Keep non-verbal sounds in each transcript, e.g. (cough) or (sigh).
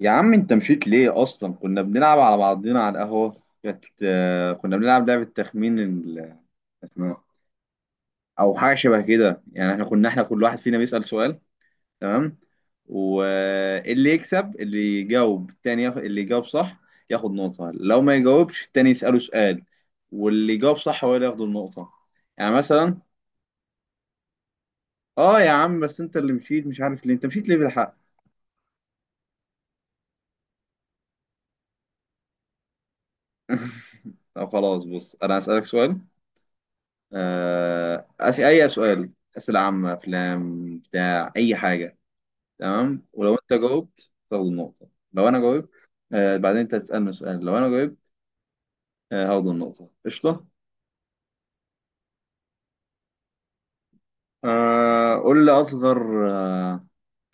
يا عم انت مشيت ليه اصلا؟ كنا بنلعب على بعضنا على القهوه. كانت كنا بنلعب لعبه تخمين الاسماء او حاجه شبه كده. يعني احنا كل واحد فينا بيسال سؤال، تمام؟ واللي يكسب اللي يجاوب التاني ياخد، اللي يجاوب صح ياخد نقطه، لو ما يجاوبش التاني يساله سؤال، واللي يجاوب صح هو اللي ياخد النقطه. يعني مثلا. اه يا عم، بس انت اللي مشيت، مش عارف ليه انت مشيت ليه بالحق. (laughs) طب خلاص، بص انا هسالك سؤال. أي سؤال، أسئلة عامة، أفلام، بتاع أي حاجة. تمام، ولو أنت جاوبت تاخد النقطة، لو أنا جاوبت بعدين أنت تسألني سؤال، لو أنا جاوبت هاخد النقطة. قشطة. قول لي.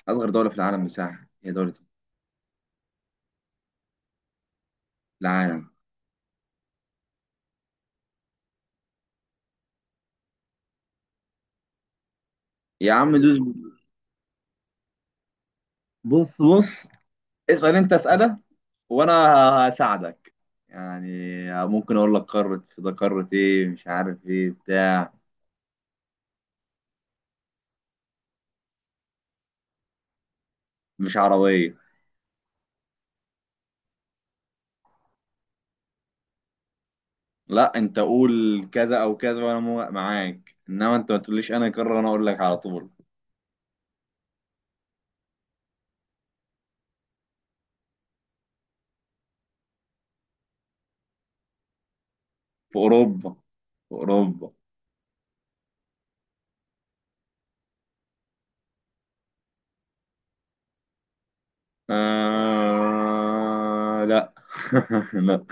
أصغر دولة في العالم مساحة هي دولة إيه؟ العالم. يا عم دوس. بص بص، اسأل أنت أسئلة وأنا هساعدك. يعني ممكن أقول لك قارة، ده قارة إيه، مش عارف إيه بتاع. مش عربية. لا انت قول كذا او كذا وانا موافق معاك، انما انت ما تقوليش انا اكرر، انا اقول لك على طول. في اوروبا، في اوروبا. لا. (laughs) لا.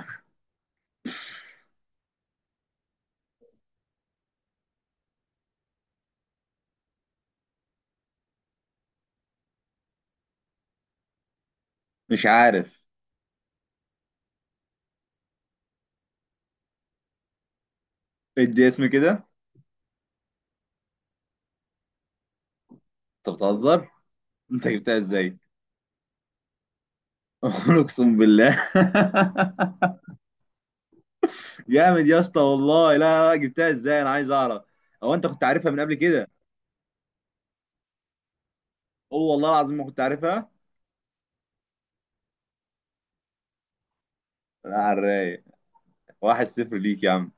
مش عارف. ادي اسم كده. انت بتهزر، انت جبتها ازاي؟ (laughs) اقسم بالله. (laughs) جامد يا اسطى والله، لا لا، جبتها ازاي؟ انا عايز اعرف. هو انت كنت عارفها من قبل كده؟ قول والله العظيم ما كنت عارفها. لا، على الرايق. 1-0 ليك يا عم.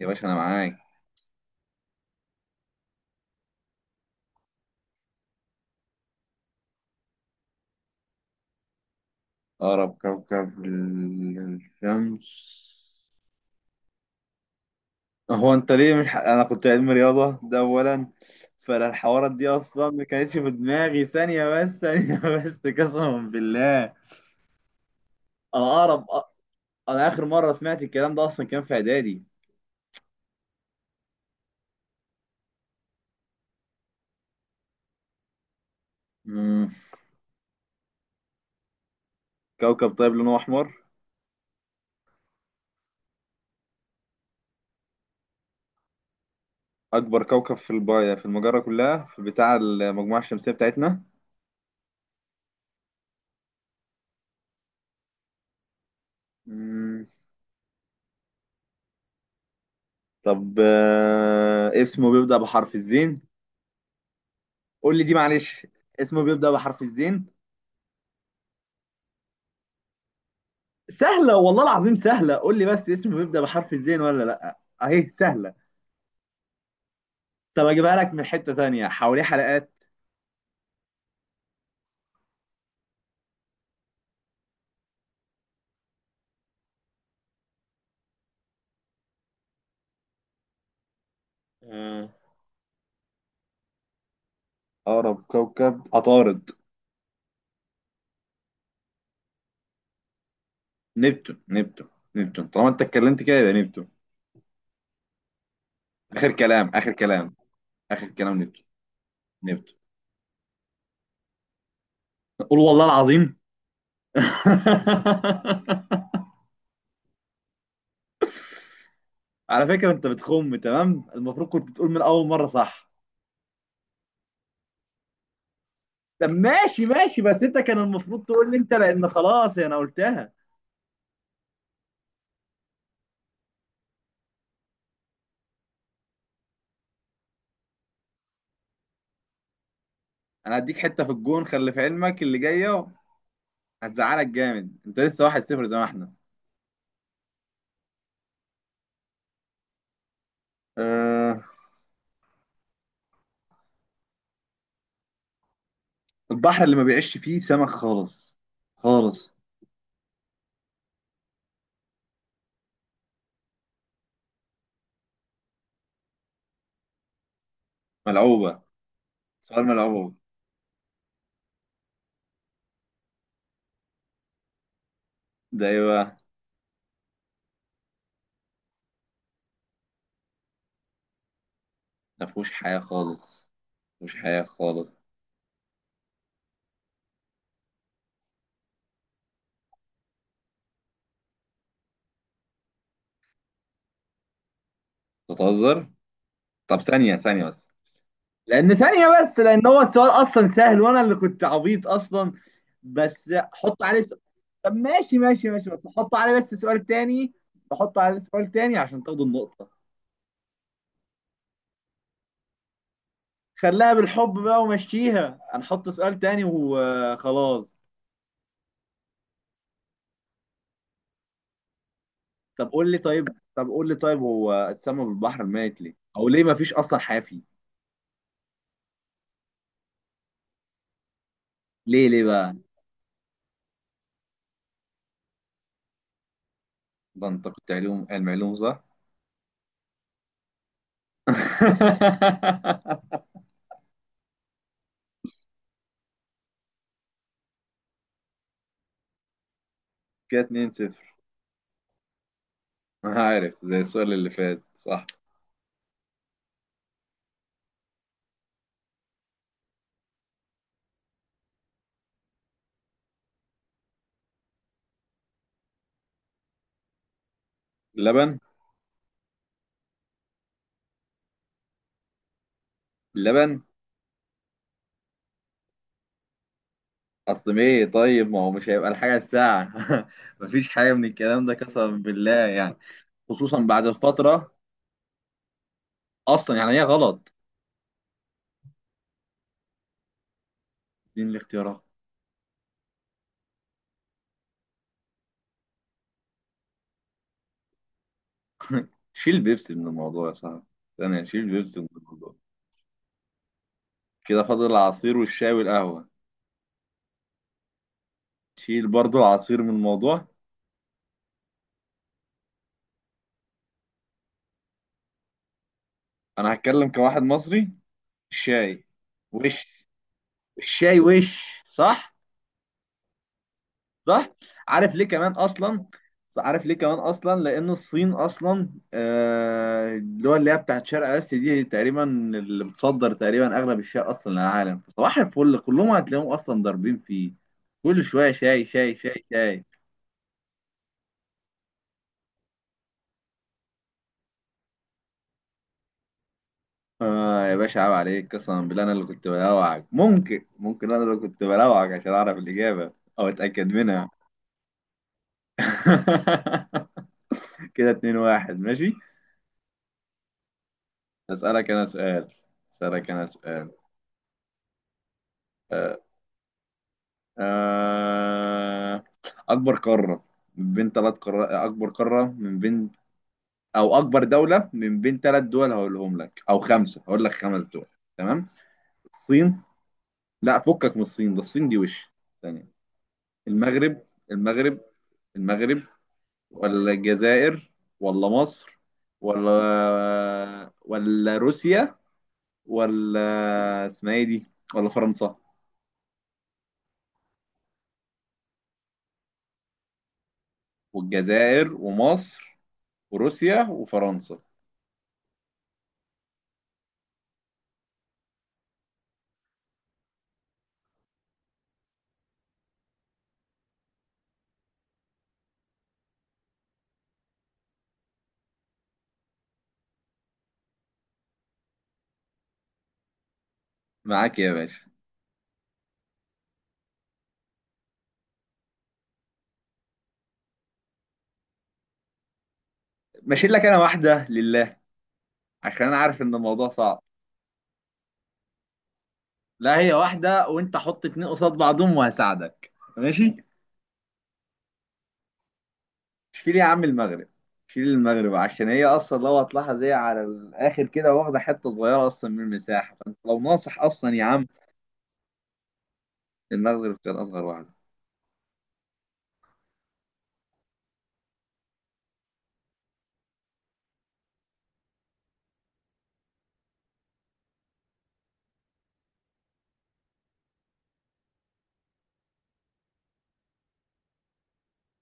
يا باشا انا معاك. أقرب كوكب للشمس. هو أنت ليه مش ح... أنا كنت علم رياضة ده أولا، فأنا الحوارات دي أصلا ما كانتش في دماغي. ثانية. (laughs) بس قسما بالله. أنا أقرب. أنا آخر مرة سمعت الكلام ده أصلا كان في إعدادي. مم. كوكب طيب لونه أحمر. أكبر كوكب في الب... في المجرة كلها، في بتاع المجموعة الشمسية بتاعتنا. مم. طب اسمه بيبدأ بحرف الزين. قول لي، دي معلش. اسمه بيبدأ بحرف الزين. سهلة والله العظيم سهلة، قول لي بس اسمه بيبدأ بحرف الزين ولا لأ؟ أهي سهلة. طب أجيبها لك من حتة تانية، حواليه حلقات. آه، أقرب كوكب عطارد. نبتون، نبتون. نبتون طالما أنت اتكلمت كده يبقى نبتون. آخر كلام، آخر كلام. آخر كلام نبتون. نبتون. قول والله العظيم. (laughs) على فكرة أنت بتخم، تمام؟ المفروض كنت تقول من أول مرة، صح؟ طب ماشي ماشي، بس أنت كان المفروض تقول لي أنت، لأن خلاص يعني أنا قلتها. انا هديك حته في الجون، خلي في علمك اللي جايه هتزعلك جامد، انت لسه 1-0 زي ما احنا. أه. البحر اللي ما بيعيش فيه سمك خالص، خالص. ملعوبه، سؤال ملعوب. ده ايه بقى؟ ده مفيهوش حياه خالص، مفيهوش حياه خالص. بتهزر. طب ثانيه بس لان هو السؤال اصلا سهل وانا اللي كنت عبيط اصلا. بس حط عليه سؤال. طب ماشي بس حط عليه بس سؤال تاني. حط عليه سؤال تاني عشان تاخد النقطه. خلاها بالحب بقى ومشيها، هنحط سؤال تاني وخلاص. طب قول لي طيب. طب قول لي طيب، هو السما بالبحر الميت ليه؟ او ليه ما فيش اصلا حياة فيه؟ ليه، ليه بقى؟ ده انت كنت علوم، علم علوم، صح؟ (laughs) كده 2-0. عارف زي السؤال اللي فات، صح؟ اللبن. اللبن. اصل ايه طيب؟ ما هو مش هيبقى الحاجة الساعة. (laughs) مفيش حاجة من الكلام ده قسما بالله يعني، خصوصا بعد الفترة. اصلا يعني هي غلط. دي الاختيارات. شيل بيبسي من الموضوع يا صاحبي. ثانية، شيل بيبسي من الموضوع. كده فاضل العصير والشاي والقهوة. شيل برضو العصير من الموضوع. أنا هتكلم كواحد مصري. الشاي وش. الشاي وش، صح؟ صح. عارف ليه كمان أصلا؟ عارف ليه كمان أصلا؟ لأن الصين أصلا، الدول اللي هي بتاعت شرق آسيا دي تقريبا اللي بتصدر تقريبا أغلب الشاي أصلا للعالم، فصباح الفل كلهم هتلاقيهم أصلا ضاربين فيه. كل شوية شاي شاي شاي شاي. آه يا باشا عيب عليك قسما بالله، انا اللي كنت بلوعك. ممكن انا اللي كنت بلوعك عشان اعرف الاجابه او اتاكد منها. (laughs) كده 2-1، ماشي. اسالك انا سؤال اسالك انا سؤال. آه. آه. اكبر قاره من بين 3 قارات، اكبر دوله من بين 3 دول هقولهم لك، او خمسه، هقول لك 5 دول. تمام. الصين. لا فكك من الصين، ده الصين دي وش. ثانيه. المغرب، المغرب، المغرب، ولا الجزائر، ولا مصر، ولا روسيا، ولا اسمها ايه دي، ولا فرنسا. والجزائر، ومصر، وروسيا، وفرنسا. معاك يا باشا. ماشي لك انا واحدة لله، عشان انا عارف ان الموضوع صعب. لا هي واحدة، وانت حط اتنين قصاد بعضهم وهساعدك. ماشي. شيل يا عم المغرب. شيل المغرب، عشان هي اصلا لو هتلاحظ هي على الاخر كده واخدة حتة صغيرة اصلا من المساحة، فانت لو ناصح اصلا يا عم. النصغر كان أصغر واحدة.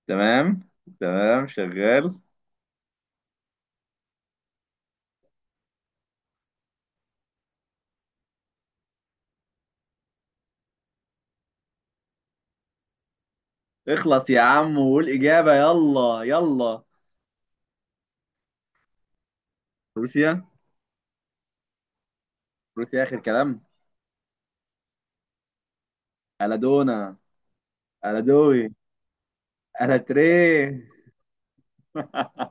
تمام، تمام، شغال. اخلص يا عم وقول إجابة، يلا يلا. روسيا. روسيا آخر كلام. ألادونا. ألادوي. ألاتري. (laughs)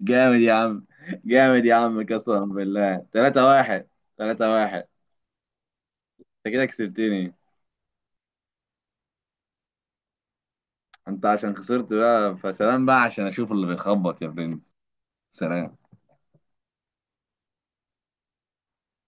جامد يا عم. جامد يا عم قسما بالله، 3 واحد. 3 واحد. انت كده كسبتني. انت عشان خسرت بقى فسلام بقى، عشان اشوف اللي بيخبط يا برنس. سلام.